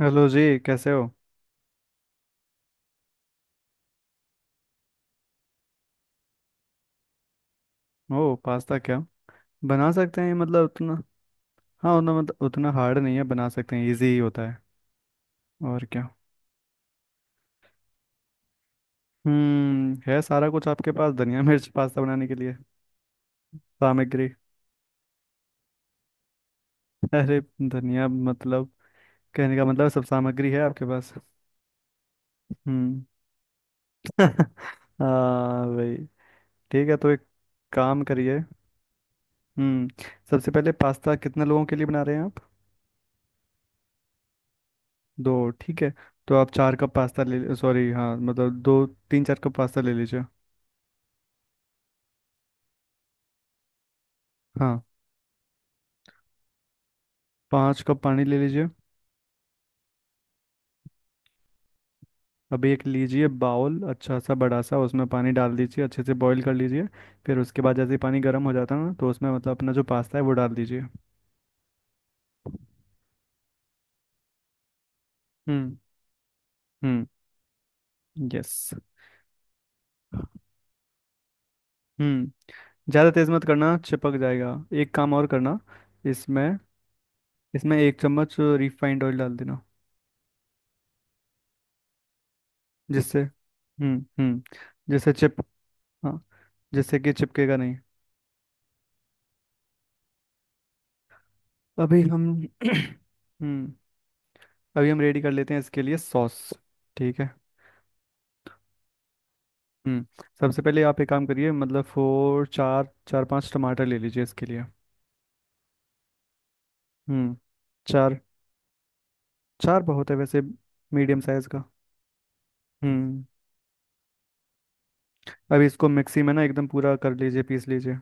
Hello जी, कैसे हो। ओ पास्ता क्या बना सकते हैं मतलब उतना। हाँ, उतना मतलब उतना हार्ड नहीं है, बना सकते हैं, इजी ही होता है। और क्या, हम्म, है सारा कुछ आपके पास? धनिया मिर्च पास्ता बनाने के लिए सामग्री? अरे धनिया मतलब, कहने का मतलब सब सामग्री है आपके पास। हम्म। हाँ भाई। ठीक है, तो एक काम करिए। हम्म। सबसे पहले पास्ता कितने लोगों के लिए बना रहे हैं आप? दो, ठीक है। तो आप 4 कप पास्ता ले सॉरी हाँ मतलब 2 3 4 कप पास्ता ले लीजिए। हाँ, 5 कप पानी ले लीजिए। अभी एक लीजिए बाउल अच्छा सा बड़ा सा, उसमें पानी डाल दीजिए, अच्छे से बॉईल कर लीजिए। फिर उसके बाद जैसे ही पानी गर्म हो जाता है ना, तो उसमें मतलब अपना जो पास्ता है वो डाल दीजिए। हम्म। हम्म। यस। हम्म, ज़्यादा तेज़ मत करना, चिपक जाएगा। एक काम और करना इसमें। इसमें 1 चम्मच रिफाइंड ऑयल डाल देना। जिससे हम्म, जिससे चिप, हाँ, जिससे कि चिपकेगा नहीं। अभी हम हम्म, अभी हम रेडी कर लेते हैं इसके लिए सॉस। ठीक है। हम्म। सबसे पहले आप एक काम करिए मतलब फोर 4 4 5 टमाटर ले लीजिए इसके लिए। हम्म। चार, चार बहुत है वैसे, मीडियम साइज का। हम्म। अब इसको मिक्सी में ना एकदम पूरा कर लीजिए, पीस लीजिए।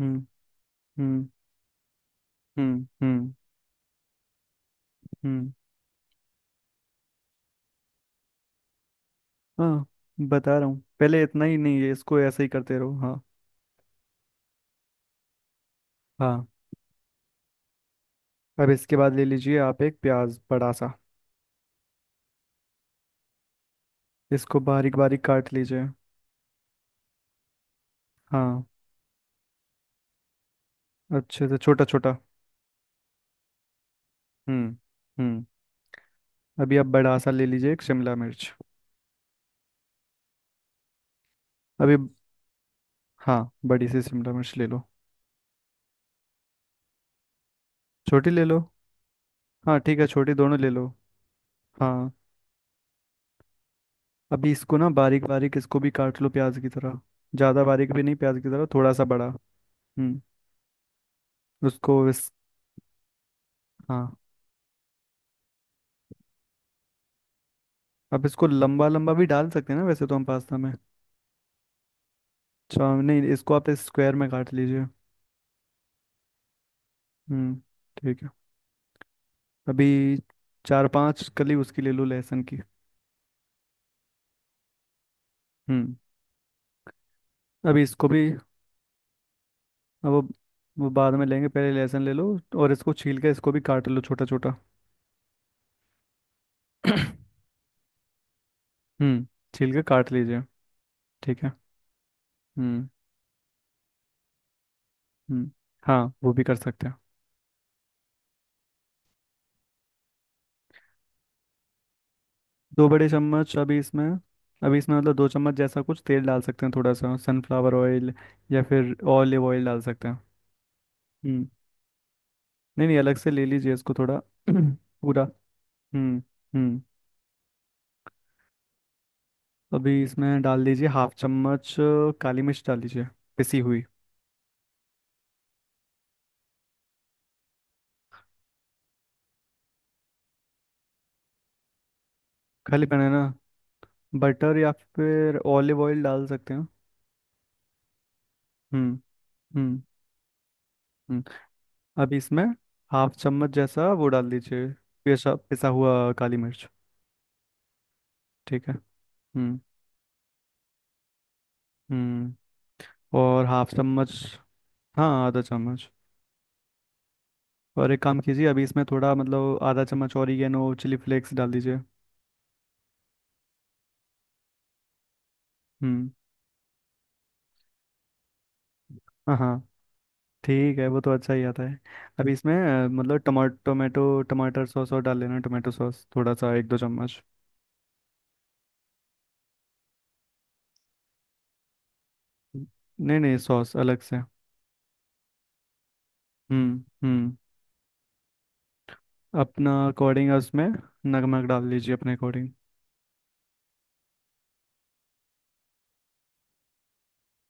हम्म। हम्म। हम्म। हम्म। हम्म। हाँ, बता रहा हूँ, पहले इतना ही नहीं है इसको, ऐसे ही करते रहो। हाँ। हाँ। अब इसके बाद ले लीजिए आप 1 प्याज बड़ा सा। इसको बारीक बारीक काट लीजिए। हाँ, अच्छे से छोटा छोटा। हम्म। हम्म। अभी आप बड़ा सा ले लीजिए 1 शिमला मिर्च। अभी, हाँ बड़ी सी शिमला मिर्च ले लो। छोटी ले लो, हाँ ठीक है, छोटी दोनों ले लो। हाँ। अभी इसको ना बारीक बारीक, इसको भी काट लो प्याज की तरह। ज़्यादा बारीक भी नहीं, प्याज की तरह थोड़ा सा बड़ा। हम्म। उसको इस, हाँ अब इसको लंबा लंबा भी डाल सकते हैं ना वैसे तो हम पास्ता में। अच्छा नहीं, इसको आप स्क्वायर में काट लीजिए। हम्म। ठीक है। अभी 4 5 कली उसकी ले लो, लहसुन की। हम्म। अभी इसको भी, अब वो बाद में लेंगे, पहले लहसुन ले लो। और इसको छील के, इसको भी काट लो छोटा छोटा। हम्म, छील के काट लीजिए। ठीक है। हम्म। हम्म। हाँ, वो भी कर सकते हैं। 2 बड़े चम्मच अभी इसमें। अभी इसमें मतलब 2 चम्मच जैसा कुछ तेल डाल सकते हैं, थोड़ा सा सनफ्लावर ऑयल या फिर ऑलिव ऑयल डाल सकते हैं। हम्म। नहीं नहीं, अलग से ले लीजिए इसको थोड़ा। पूरा। हम्म। हम्म। अभी इसमें डाल दीजिए हाफ चम्मच काली मिर्च डाल दीजिए, पिसी हुई। खाली बनाना। बटर या फिर ऑलिव ऑयल डाल सकते हैं। हम्म। हम्म। हम्म। अब इसमें हाफ चम्मच जैसा वो डाल दीजिए, पिसा पिसा हुआ काली मिर्च। ठीक है। हम्म। हम्म। और हाफ चम्मच। हाँ, आधा चम्मच। और एक काम कीजिए, अभी इसमें थोड़ा मतलब आधा चम्मच ऑरिगेनो चिली फ्लेक्स डाल दीजिए। हम्म। हाँ हाँ, ठीक है, वो तो अच्छा ही आता है। अभी इसमें मतलब टमा टोमेटो टमाटर सॉस और डाल लेना, टोमेटो सॉस थोड़ा सा, 1 2 चम्मच। नहीं नहीं, सॉस अलग से। हम्म, अपना अकॉर्डिंग उसमें नमक डाल लीजिए, अपने अकॉर्डिंग।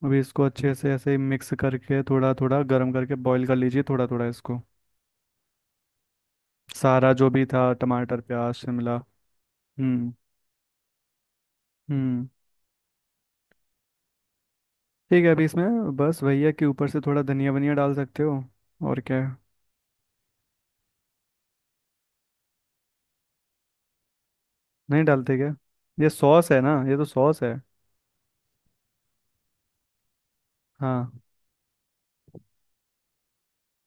अभी इसको अच्छे से ऐसे ही मिक्स करके, थोड़ा थोड़ा गर्म करके बॉईल कर लीजिए थोड़ा थोड़ा इसको। सारा जो भी था, टमाटर प्याज शिमला। हम्म। हम्म। ठीक है, अभी इसमें बस भैया के ऊपर से थोड़ा धनिया वनिया डाल सकते हो। और क्या है? नहीं डालते क्या? ये सॉस है ना, ये तो सॉस है। हाँ।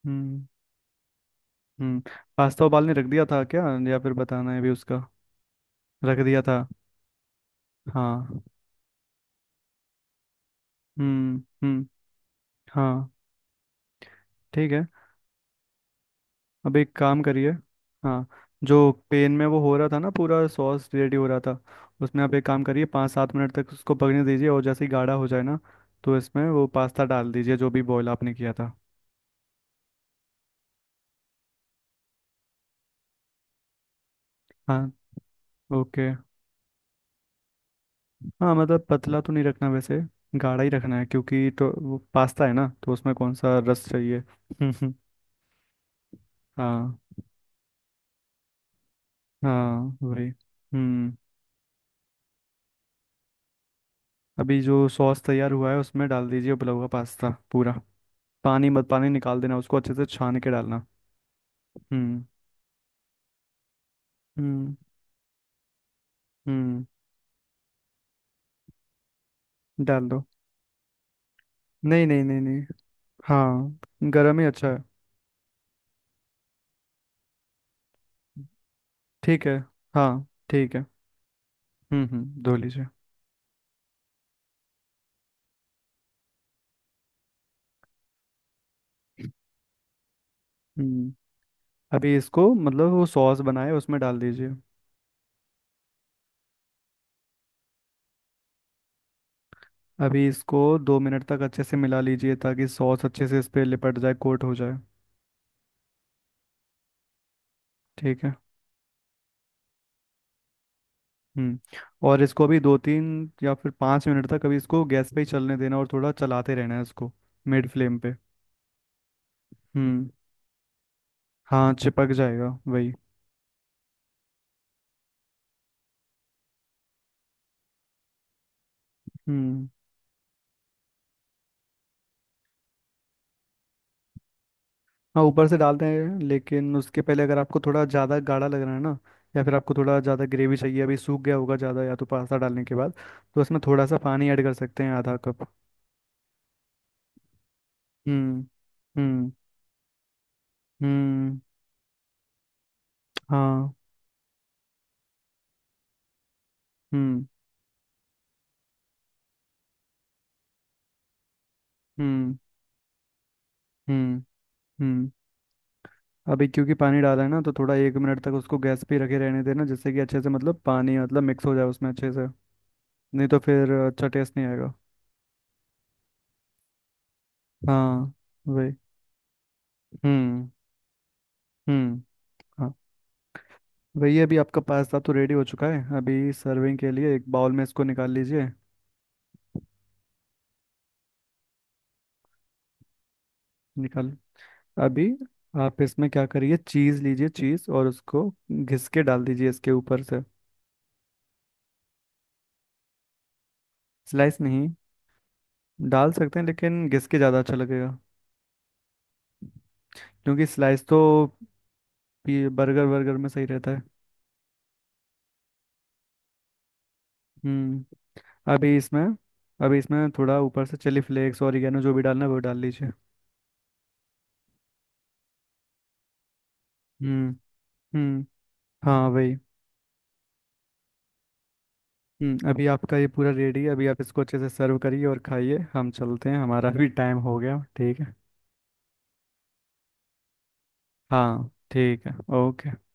हम्म। हम्म। पास्ता उबालने रख दिया था क्या, या फिर बताना है भी उसका? रख दिया था। हाँ। हम्म। हम्म। हाँ। ठीक है, अब एक काम करिए। हाँ, जो पेन में वो हो रहा था ना, पूरा सॉस रेडी हो रहा था, उसमें आप एक काम करिए, 5 7 मिनट तक उसको पकने दीजिए, और जैसे ही गाढ़ा हो जाए ना तो इसमें वो पास्ता डाल दीजिए जो भी बॉईल आपने किया था। हाँ। ओके। हाँ मतलब पतला तो नहीं रखना वैसे, गाढ़ा ही रखना है, क्योंकि तो वो पास्ता है ना तो उसमें कौन सा रस चाहिए। हाँ, हाँ वही। हम्म। अभी जो सॉस तैयार हुआ है उसमें डाल दीजिए उबला हुआ पास्ता पूरा। पानी मत, पानी निकाल देना उसको, अच्छे से छान के डालना। हम्म। हम्म। हम्म। डाल दो। नहीं नहीं नहीं नहीं। हाँ, गरम ही अच्छा है। ठीक है। हाँ ठीक है, हम्म, धो लीजिए। हम्म। अभी इसको मतलब वो सॉस बनाए उसमें डाल दीजिए। अभी इसको 2 मिनट तक अच्छे से मिला लीजिए, ताकि सॉस अच्छे से इस पे लिपट जाए, कोट हो जाए। ठीक है। हम्म। और इसको अभी 2 3 या फिर 5 मिनट तक अभी इसको गैस पे ही चलने देना, और थोड़ा चलाते रहना है इसको, मिड फ्लेम पे। हम्म। हाँ, चिपक जाएगा, वही। हम्म। हाँ, ऊपर से डालते हैं, लेकिन उसके पहले अगर आपको थोड़ा ज़्यादा गाढ़ा लग रहा है ना, या फिर आपको थोड़ा ज़्यादा ग्रेवी चाहिए, अभी सूख गया होगा ज़्यादा या तो पास्ता डालने के बाद, तो उसमें थोड़ा सा पानी ऐड कर सकते हैं, आधा कप। हम्म। हम्म। हम्म। हाँ। हम्म। हम्म। हम्म। हम्म। अभी क्योंकि पानी डाला है ना तो थोड़ा 1 मिनट तक उसको गैस पे ही रखे रहने देना, जिससे कि अच्छे से मतलब पानी मतलब मिक्स हो जाए उसमें अच्छे से। नहीं तो फिर अच्छा टेस्ट नहीं आएगा। हाँ, वही। हम्म। हम्म। हाँ, वही। अभी आपका पास्ता तो रेडी हो चुका है, अभी सर्विंग के लिए 1 बाउल में इसको निकाल लीजिए। निकाल, अभी आप इसमें क्या करिए, चीज़ लीजिए चीज़ और उसको घिस के डाल दीजिए इसके ऊपर से। स्लाइस नहीं, डाल सकते हैं लेकिन घिस के ज़्यादा अच्छा लगेगा। क्योंकि स्लाइस तो ये बर्गर वर्गर में सही रहता है। हम्म। अभी इसमें, अभी इसमें थोड़ा ऊपर से चिली फ्लेक्स और ऑरिगेनो जो भी डालना है वो डाल लीजिए। हम्म। हम्म। हाँ वही। हम्म, अभी आपका ये पूरा रेडी है, अभी आप इसको अच्छे से सर्व करिए और खाइए, हम चलते हैं, हमारा भी टाइम हो गया, ठीक है। हाँ ठीक है, ओके।